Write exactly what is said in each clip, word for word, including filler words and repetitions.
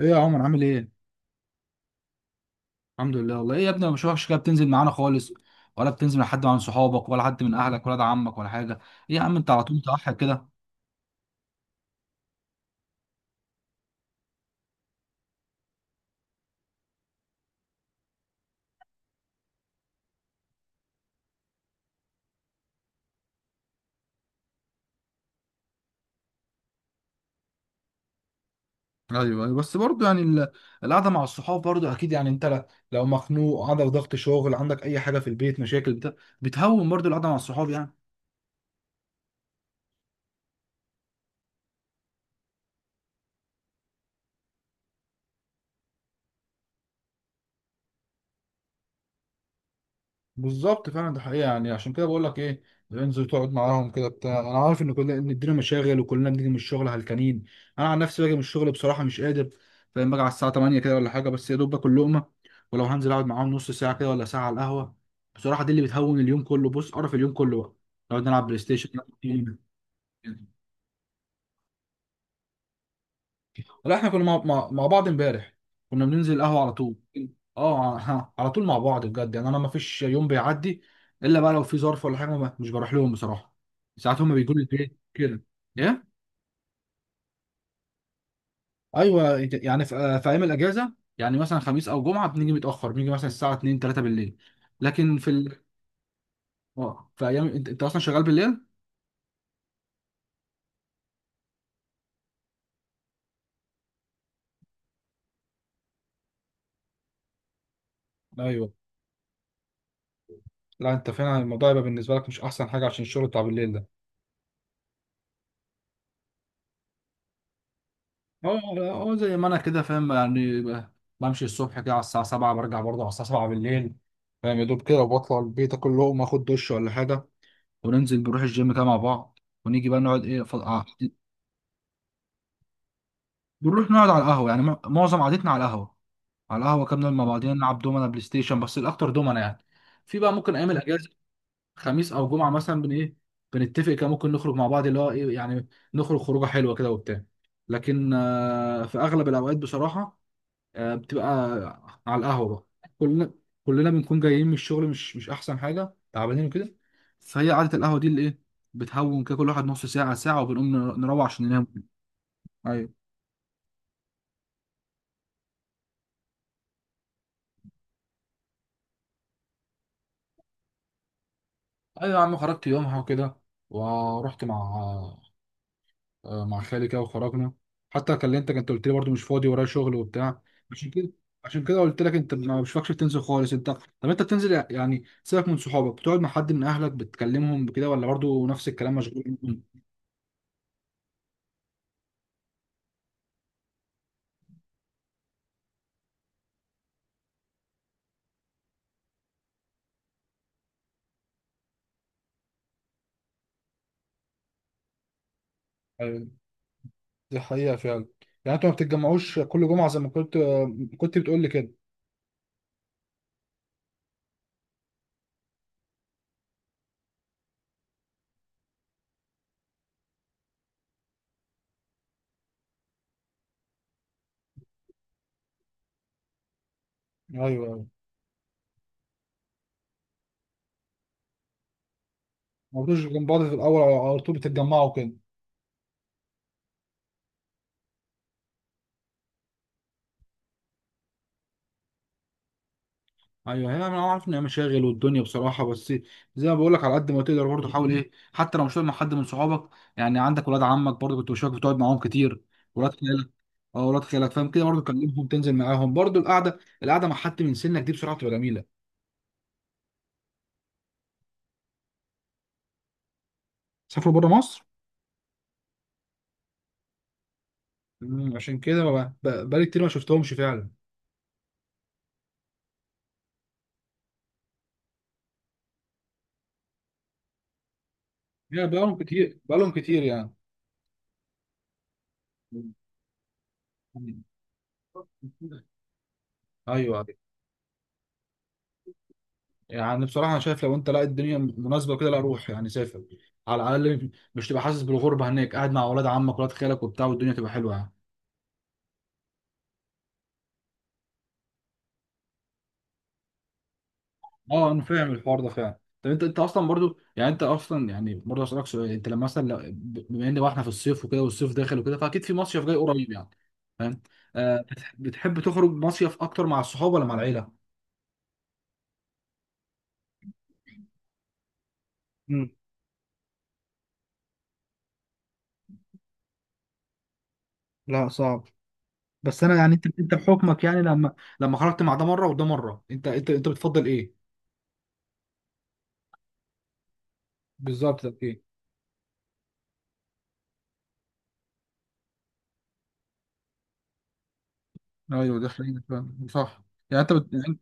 ايه يا عمر، عامل ايه؟ الحمد لله، والله ايه يا ابني، مش وحش كده. بتنزل معانا خالص ولا بتنزل مع حد من صحابك، ولا حد من اهلك، ولا ده عمك، ولا حاجه؟ ايه يا عم، انت على طول متوحد كده. ايوه ايوه، بس برضه يعني ال- القعده مع الصحاب برضه اكيد. يعني انت ل- لو مخنوق، عندك ضغط شغل، عندك اي حاجه في البيت، مشاكل بتاع، بتهون برضه القعده مع الصحاب يعني. بالظبط فعلا، ده حقيقة. يعني عشان كده بقول لك ايه، انزل تقعد معاهم كده بتاع. انا عارف ان كلنا، ان الدنيا مشاغل، وكلنا بنيجي من الشغل هلكانين. انا عن نفسي باجي من الشغل بصراحة مش قادر، فاهم؟ باجي على الساعة ثمانية كده ولا حاجة، بس يا دوب باكل لقمة. ولو هنزل اقعد معاهم نص ساعة كده ولا ساعة على القهوة، بصراحة دي اللي بتهون اليوم كله. بص، قرف اليوم كله بقى، نقعد نلعب بلاي ستيشن، نلعب جيم. لا احنا كنا مع, مع, مع بعض امبارح، كنا بننزل القهوة على طول. اه ها، على طول مع بعض بجد. يعني انا ما فيش يوم بيعدي الا بقى لو في ظرف ولا حاجة، ما- مش بروح لهم بصراحة. ساعات هم بيجوا لي البيت كده. ايه. ايوه يعني في, في ايام الاجازة، يعني مثلا خميس او جمعة بنيجي متأخر، بنيجي مثلا الساعة اتنين تلاته بالليل. لكن في ال... اه في ايام انت, انت اصلا شغال بالليل. ايوه. لا انت فعلا الموضوع يبقى بالنسبة لك مش احسن حاجة عشان الشغل بتاع بالليل ده. هو هو زي ما انا كده فاهم، يعني ب- بمشي الصبح كده على الساعة سبعة، برجع برضه على الساعة سبعة بالليل. فاهم؟ يا دوب كده، وبطلع البيت اكل لقمة اخد دش ولا حاجة، وننزل نروح الجيم كده مع بعض، ونيجي بقى نقعد ايه ف... آه، بنروح نقعد على القهوة. يعني مع- معظم قعدتنا على القهوة. على القهوة كده بنقعد مع بعضينا، نلعب دومنا بلاي ستيشن، بس الأكتر دومنا يعني. في بقى ممكن أيام الأجازة، خميس أو جمعة مثلا بن ايه بنتفق كده ممكن نخرج مع بعض، اللي هو ايه يعني، نخرج خروجة حلوة كده وبتاع. لكن آه، في أغلب الأوقات بصراحة، آه، بتبقى على القهوة بقى. كلنا كلنا بنكون جايين من الشغل، مش مش أحسن حاجة، تعبانين وكده. فهي قعدة القهوة دي اللي إيه، بتهون كده كل واحد نص ساعة ساعة، وبنقوم نر- نروح عشان ننام. أيوة. أيوة يا عم، خرجت يومها وكده، ورحت مع آه، مع خالي كده وخرجنا. حتى كلمتك أنت قلت لي برضه مش فاضي ورايا شغل وبتاع. عشان كده عشان كده قلت لك انت ما مش فاكش بتنزل خالص. انت طب انت بتنزل يعني، سيبك من صحابك، بتقعد مع حد من اهلك، بتكلمهم بكده، ولا برضه نفس الكلام مشغول؟ دي حقيقة فعلا. يعني انتوا ما بتتجمعوش كل جمعة زي ما كنت كنت بتقول لي كده. ايوه ايوه، ما بتجوش جنب بعض في الاول، على على طول بتتجمعوا كده. ايوه هي، انا عارف ان هي مشاغل والدنيا بصراحه، بس زي ما بقول لك، على قد ما تقدر برضه حاول ايه، حتى لو مش قاعد مع حد من صحابك. يعني عندك ولاد عمك برضه كنت بشوفك بتقعد معاهم كتير، ولاد خالك. اه ولاد خالك فاهم كده، برضه كلمهم، تنزل معاهم برضه. القعده القعده مع حد من سنك دي بصراحه بتبقى جميله. سافروا بره مصر. مم، عشان كده بقى- بقى- بقالي كتير ما شفتهمش فعلا. يعني بقالهم كتير بقالهم كتير يعني. مم. ايوه أيوة. يعني بصراحه، انا شايف لو انت، لا الدنيا مناسبه كده، لا روح يعني سافر. على الاقل مش تبقى حاسس بالغربه هناك، قاعد مع اولاد عمك ولاد خالك وبتاع، والدنيا تبقى حلوه يعني. اه انا فاهم الحوار ده فعلا. طب انت انت اصلا برضو، يعني انت اصلا يعني برضه اسالك سؤال. انت لما مثلا لو- بما ان بقى احنا في الصيف وكده، والصيف داخل وكده، فاكيد في مصيف جاي قريب يعني، فاهم؟ آه بتح- بتحب تخرج مصيف اكتر مع الصحاب ولا مع العيله؟ مم. لا صعب. بس انا يعني انت انت بحكمك، يعني لما لما خرجت مع ده مره وده مره، انت انت انت بتفضل ايه؟ بالظبط اكيد. ايوه ده حقيقي فعلا، صح. يعني انت بت... يعني-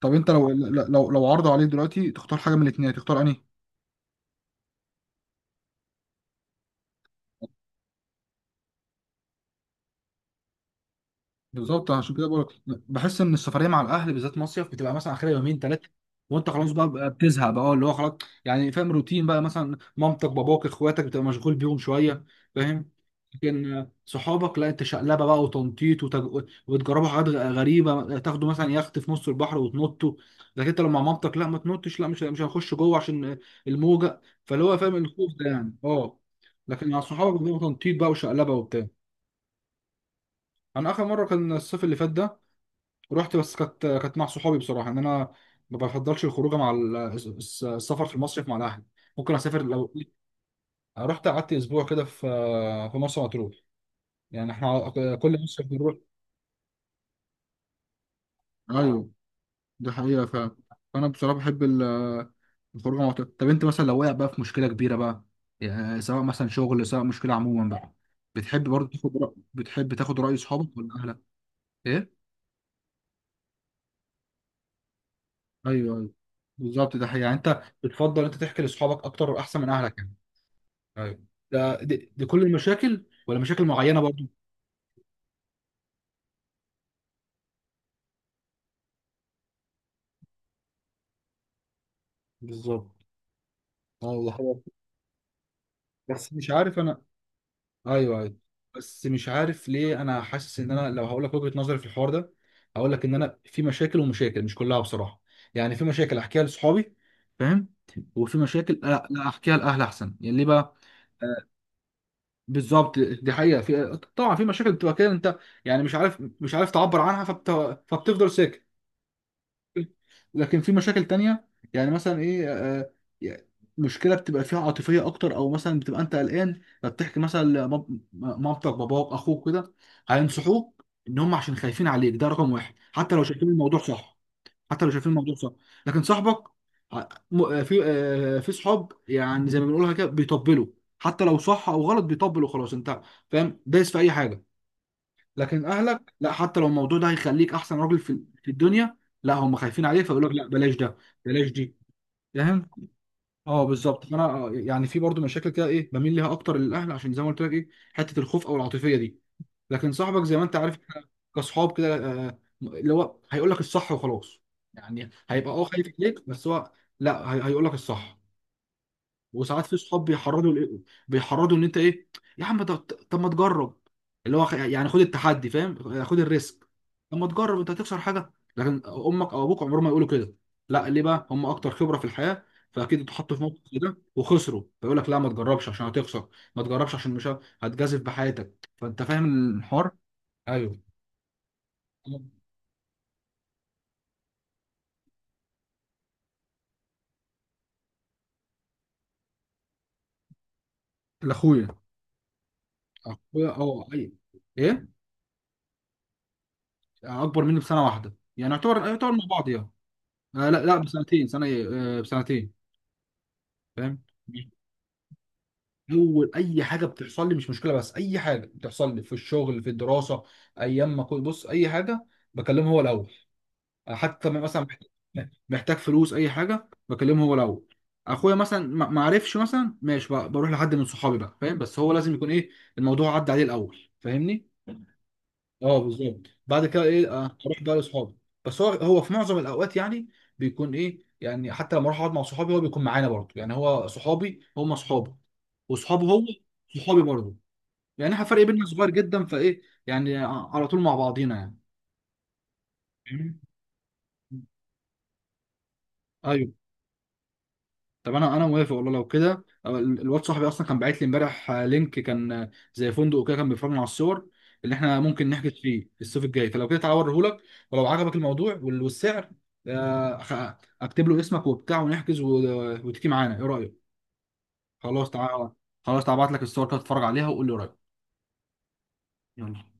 طب انت لو لو لو عرضوا عليك دلوقتي تختار حاجه من الاثنين، تختار انهي؟ بالظبط. عشان كده بقولك، بحس ان السفريه مع الاهل بالذات مصيف بتبقى مثلا اخرها يومين ثلاثه، وانت خلاص بقى بقى بتزهق بقى، اه اللي هو خلاص. يعني فاهم، روتين بقى، مثلا مامتك باباك اخواتك بتبقى مشغول بيهم شويه فاهم. لكن صحابك لا، انت شقلبه بقى وتنطيط وتج... وتجربوا حاجات غ- غريبه، تاخدوا مثلا يخت في نص البحر وتنطوا. لكن انت لو مع مامتك لا، ما تنطش، لا مش مش هنخش جوه عشان الموجه، فاللي هو فاهم الخوف ده يعني اه. لكن مع صحابك بيبقى تنطيط بقى وشقلبه وبتاع. انا اخر مره كان الصيف اللي فات ده، رحت، بس كانت كانت مع صحابي. بصراحه ان انا ما بفضلش الخروج مع ال- الس- السفر في المصيف مع الاهل. ممكن اسافر لو، رحت قعدت اسبوع كده في في مرسى مطروح، يعني احنا كل مصيف بنروح. ايوه دي حقيقة فعلا. فانا بصراحة بحب ال- الخروج مع بعض. طب انت مثلا لو وقع بقى في مشكلة كبيرة بقى، يعني سواء مثلا شغل، سواء مشكلة عموما بقى، بتحب برضه تاخد رأي بتحب تاخد رأي صحابك ولا اهلك؟ ايه. ايوه ايوه بالظبط، ده حقيقة. يعني انت بتفضل انت تحكي لاصحابك اكتر احسن من اهلك يعني. ايوه ده دي, دي كل المشاكل ولا مشاكل معينه برضو؟ بالظبط. اه والله هو، بس مش عارف انا. ايوه ايوه، بس مش عارف ليه، انا حاسس ان انا لو هقول لك وجهه نظري في الحوار ده، هقول لك ان انا في مشاكل ومشاكل، مش كلها بصراحه. يعني في مشاكل احكيها لاصحابي فاهم، وفي مشاكل لا, لا احكيها لاهل احسن. يعني ليه بقى؟ بالظبط دي حقيقه. في طبعا في مشاكل بتبقى كده انت، يعني مش عارف مش عارف تعبر عنها، فبت... فبتفضل ساكت. لكن في مشاكل تانية، يعني مثلا ايه، آه، يعني مشكلة بتبقى فيها عاطفية أكتر، أو مثلا بتبقى أنت قلقان فبتحكي مثلا لمام- مامتك باباك أخوك كده، هينصحوك إن هم عشان خايفين عليك، ده رقم واحد، حتى لو شايفين الموضوع صح. حتى لو شايفين الموضوع صح. لكن صاحبك، ع- م- آه، في آه، في صحاب يعني زي ما بنقولها كده بيطبلوا. حتى لو صح أو غلط بيطبلوا خلاص. أنت فاهم، دايس في أي حاجة. لكن اهلك لا، حتى لو الموضوع ده هيخليك احسن راجل في في الدنيا، لا هم خايفين عليه فيقول لك لا بلاش ده، بلاش دي فاهم. اه بالظبط. فانا آه، يعني في برضو مشاكل كده ايه، بميل ليها اكتر للاهل، عشان زي ما قلت لك ايه، حته الخوف او العاطفيه دي. لكن صاحبك زي ما انت عارف، إحنا كصحاب كده، آه، اللي هو هيقول لك الصح وخلاص. يعني هيبقى اه خايف عليك بس هو لا، هي- هيقول لك الصح. وساعات في صحاب بيحرضوا لإيه؟ بيحرضوا ان انت ايه، يا عم طب، طب ما تجرب، اللي هو خ- يعني خد التحدي فاهم، خد الريسك. طب ما تجرب انت هتخسر حاجه؟ لكن امك او ابوك عمرهم ما يقولوا كده. لا ليه بقى، هم اكتر خبره في الحياه، فاكيد اتحطوا في موقف زي ده وخسروا، فيقول لك لا ما تجربش عشان هتخسر، ما تجربش عشان مش ه- هتجازف بحياتك، فانت فاهم الحوار. ايوه. لاخويا. اخويا اه ايوه. ايه. اكبر مني بسنه واحده، يعني يعتبر يعتبر مع بعض يعني. آه لا لا بسنتين، سنه ايه، آه بسنتين فاهم. اول اي حاجه بتحصل لي، مش مشكله، بس اي حاجه بتحصل لي في الشغل في الدراسه، ايام ما كنت، بص اي حاجه بكلمه هو الاول. حتى لما مثلا محتاج فلوس اي حاجه بكلمه هو الاول. اخويا مثلا ما ما عرفش مثلا، ماشي بقى بروح لحد من صحابي بقى فاهم. بس هو لازم يكون ايه، الموضوع عدى عليه الاول فاهمني؟ اه بالظبط. بعد كده ايه آه، اروح بقى لاصحابي. بس هو هو في معظم الاوقات يعني بيكون ايه يعني، حتى لما اروح اقعد مع صحابي هو بيكون معانا برضه، يعني هو صحابي هم صحابه، وصحابه هو صحابي برضه. يعني احنا فرق بيننا صغير جدا، فايه يعني ع- على طول مع بعضينا يعني، فاهمني؟ ايوه. طب انا انا موافق والله لو كده. أو ال- الواد صاحبي اصلا كان باعت لي امبارح آه، لينك، كان آه، زي فندق كده، كان بيفرجنا على الصور اللي احنا ممكن نحجز فيه الصيف الجاي. فلو كده تعالى اوريهولك، ولو عجبك الموضوع وال- والسعر، آه، خ- اكتب له اسمك وبتاع ونحجز و- وتيجي معانا، ايه رايك؟ خلاص تعالى. خلاص تعالى ابعت لك الصور كده تتفرج عليها وقول لي رايك. يلا